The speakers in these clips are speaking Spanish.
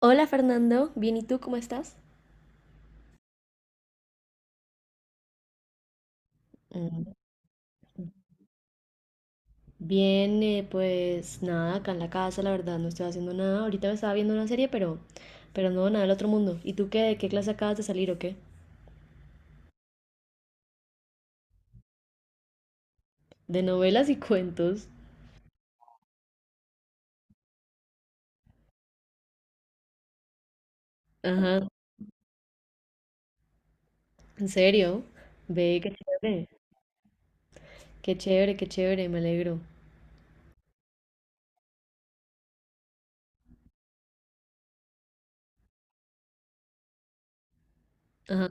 Hola Fernando, bien, ¿y tú cómo estás? Mm. Bien, pues nada, acá en la casa, la verdad, no estoy haciendo nada. Ahorita me estaba viendo una serie, pero, no, nada del otro mundo. ¿Y tú qué? ¿De qué clase acabas de salir o qué? De novelas y cuentos. Ajá, ¿en serio? Ve, qué chévere. Qué chévere, qué chévere, me alegro. Ajá,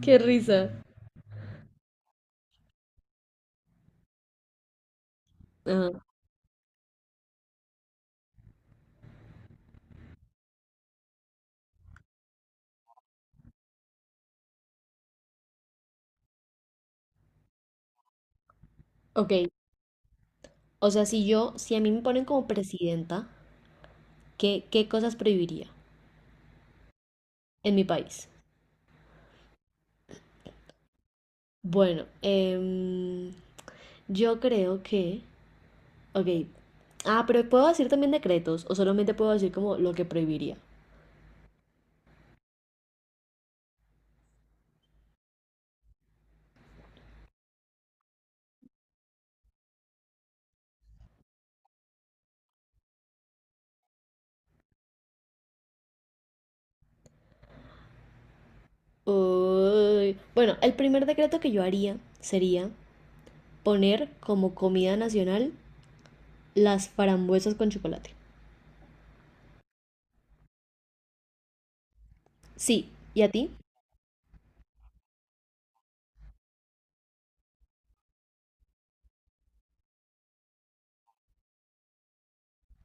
qué risa. Ajá, ok. O sea, si a mí me ponen como presidenta, ¿qué, qué cosas prohibiría en mi país? Bueno, eh. Yo creo que, ok. Ah, pero puedo decir también decretos o solamente puedo decir como lo que prohibiría. Uy, bueno, el primer decreto que yo haría sería poner como comida nacional las frambuesas con chocolate. Sí, ¿y a ti?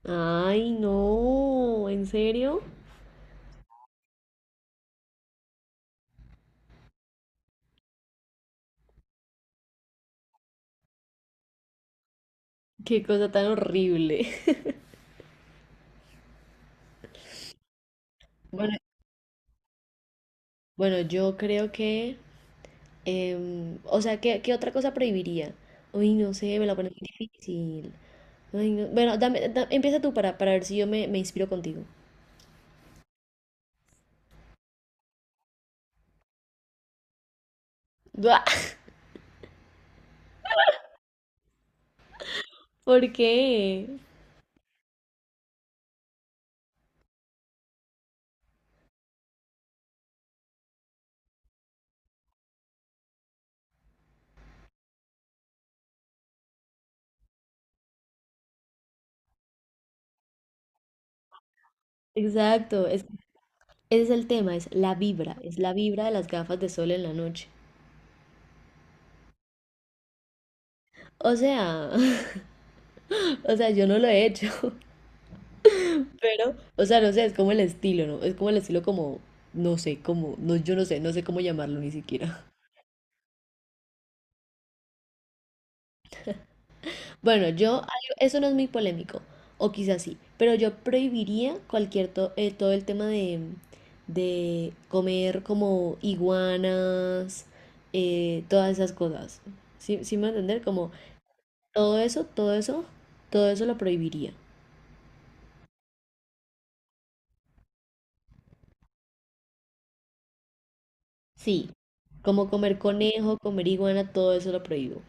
Ay, no, ¿en serio? Qué cosa tan horrible. Bueno, bueno, yo creo que o sea, ¿qué, qué otra cosa prohibiría? Uy, no sé, me la pones muy difícil. Ay, no- bueno, empieza tú para ver si me inspiro contigo. Buah, ¿por qué? Exacto, es, ese es el tema, es la vibra de las gafas de sol en la noche. O sea, o sea, yo no lo he hecho, pero, o sea, no sé, es como el estilo, ¿no? Es como el estilo como, no sé, como, no, yo no sé, no sé cómo llamarlo ni siquiera. Bueno, yo, algo- eso no es muy polémico, o quizás sí, pero yo prohibiría cualquier, todo el tema de comer como iguanas, todas esas cosas. ¿Sí, sí me va a entender? Como todo eso, todo eso, todo eso lo prohibiría. Sí, como comer conejo, comer iguana, todo eso lo prohíbo.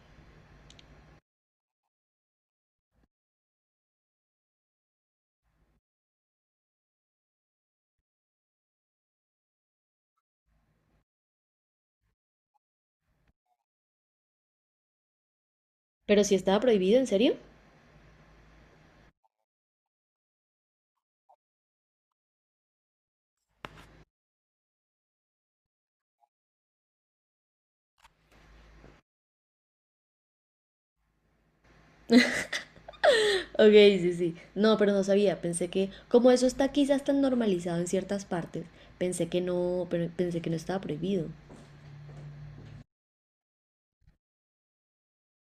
Pero si estaba prohibido, ¿en serio? Ok, sí, sí. No, pero no sabía. Pensé que, como eso está quizás tan normalizado en ciertas partes, pensé que no, pero pensé que no estaba prohibido.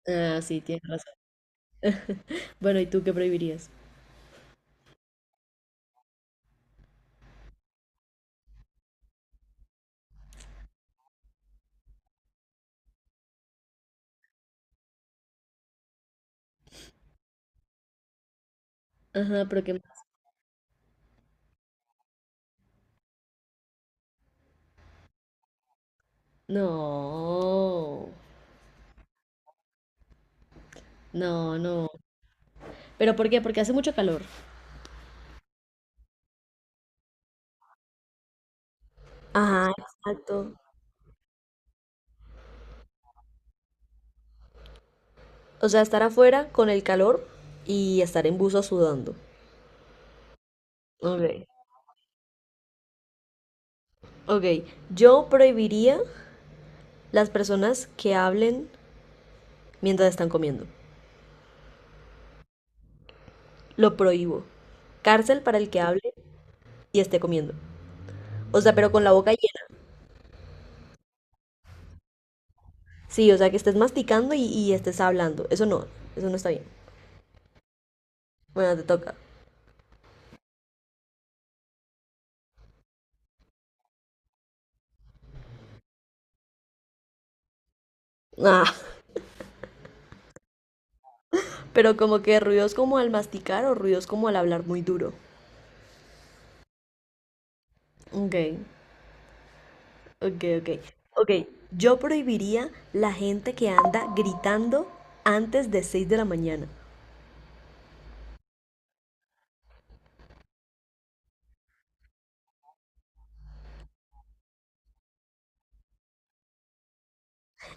Ah, sí, tienes razón. Bueno, ¿y tú qué prohibirías? Ajá, pero ¿qué más? No, no, no. ¿Pero por qué? Porque hace mucho calor. Ajá, exacto. O sea, estar afuera con el calor y estar en buzo sudando. Ok. Ok, yo prohibiría las personas que hablen mientras están comiendo. Lo prohíbo. Cárcel para el que hable y esté comiendo. O sea, pero con la boca llena. Sí, o sea, que estés masticando y estés hablando. Eso no está bien. Bueno, te toca. Ah, pero como que ruidos como al masticar o ruidos como al hablar muy duro. Ok, ok, ok. Ok, yo prohibiría la gente que anda gritando antes de 6 de la mañana.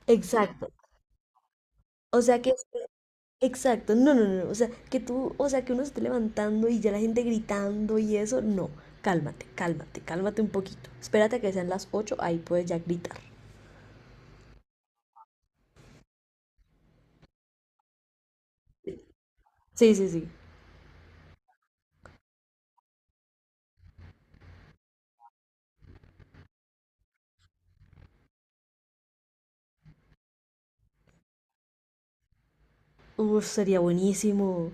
Exacto. O sea que, exacto, no, no, no, no, o sea que tú, o sea que uno se esté levantando y ya la gente gritando y eso, no, cálmate, cálmate, cálmate un poquito. Espérate a que sean las 8, ahí puedes ya gritar. Sí, sí, sí. Uf, sería buenísimo.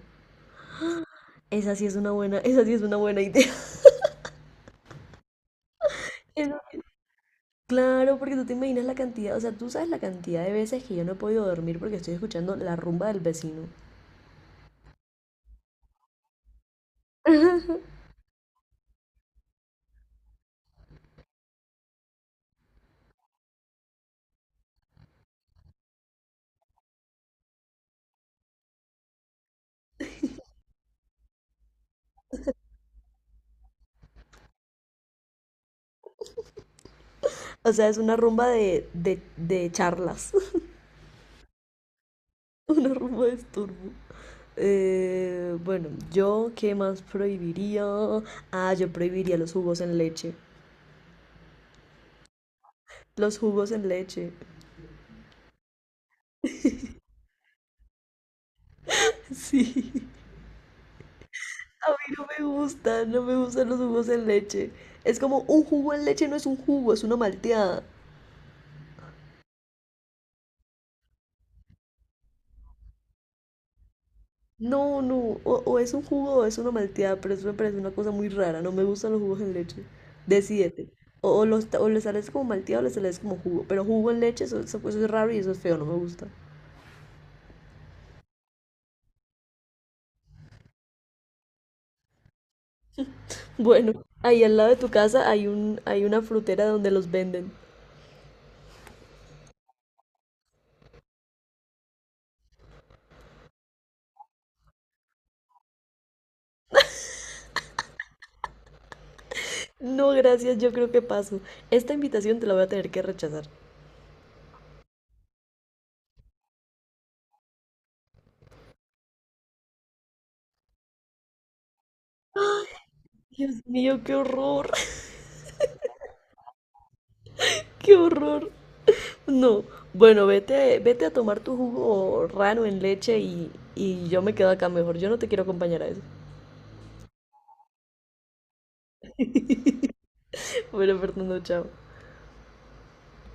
Esa sí es una buena, esa sí es una buena idea. Eso- sí. Claro, porque tú te imaginas la cantidad, o sea, tú sabes la cantidad de veces que yo no he podido dormir porque estoy escuchando la rumba del vecino. O sea, es una rumba de, de charlas. Una rumba de estorbo. Bueno, yo qué más prohibiría. Ah, yo prohibiría los jugos en leche. Los jugos en leche. Sí. A mí no me gustan, no me gustan los jugos en leche. Es como un jugo en leche no es un jugo, es una malteada. No, no, o es un jugo o es una malteada, pero eso me parece una cosa muy rara. No me gustan los jugos en leche. Decídete. O le sales como malteado o le sales como jugo. Pero jugo en leche, eso, eso es raro y eso es feo, no me gusta. Bueno, ahí al lado de tu casa hay un, hay una frutera donde los venden. No, gracias, yo creo que paso. Esta invitación te la voy a tener que rechazar. Dios mío, qué horror, qué horror. No, bueno, vete, vete a tomar tu jugo raro en leche y yo me quedo acá mejor. Yo no te quiero acompañar a eso. Bueno, Fernando, chao.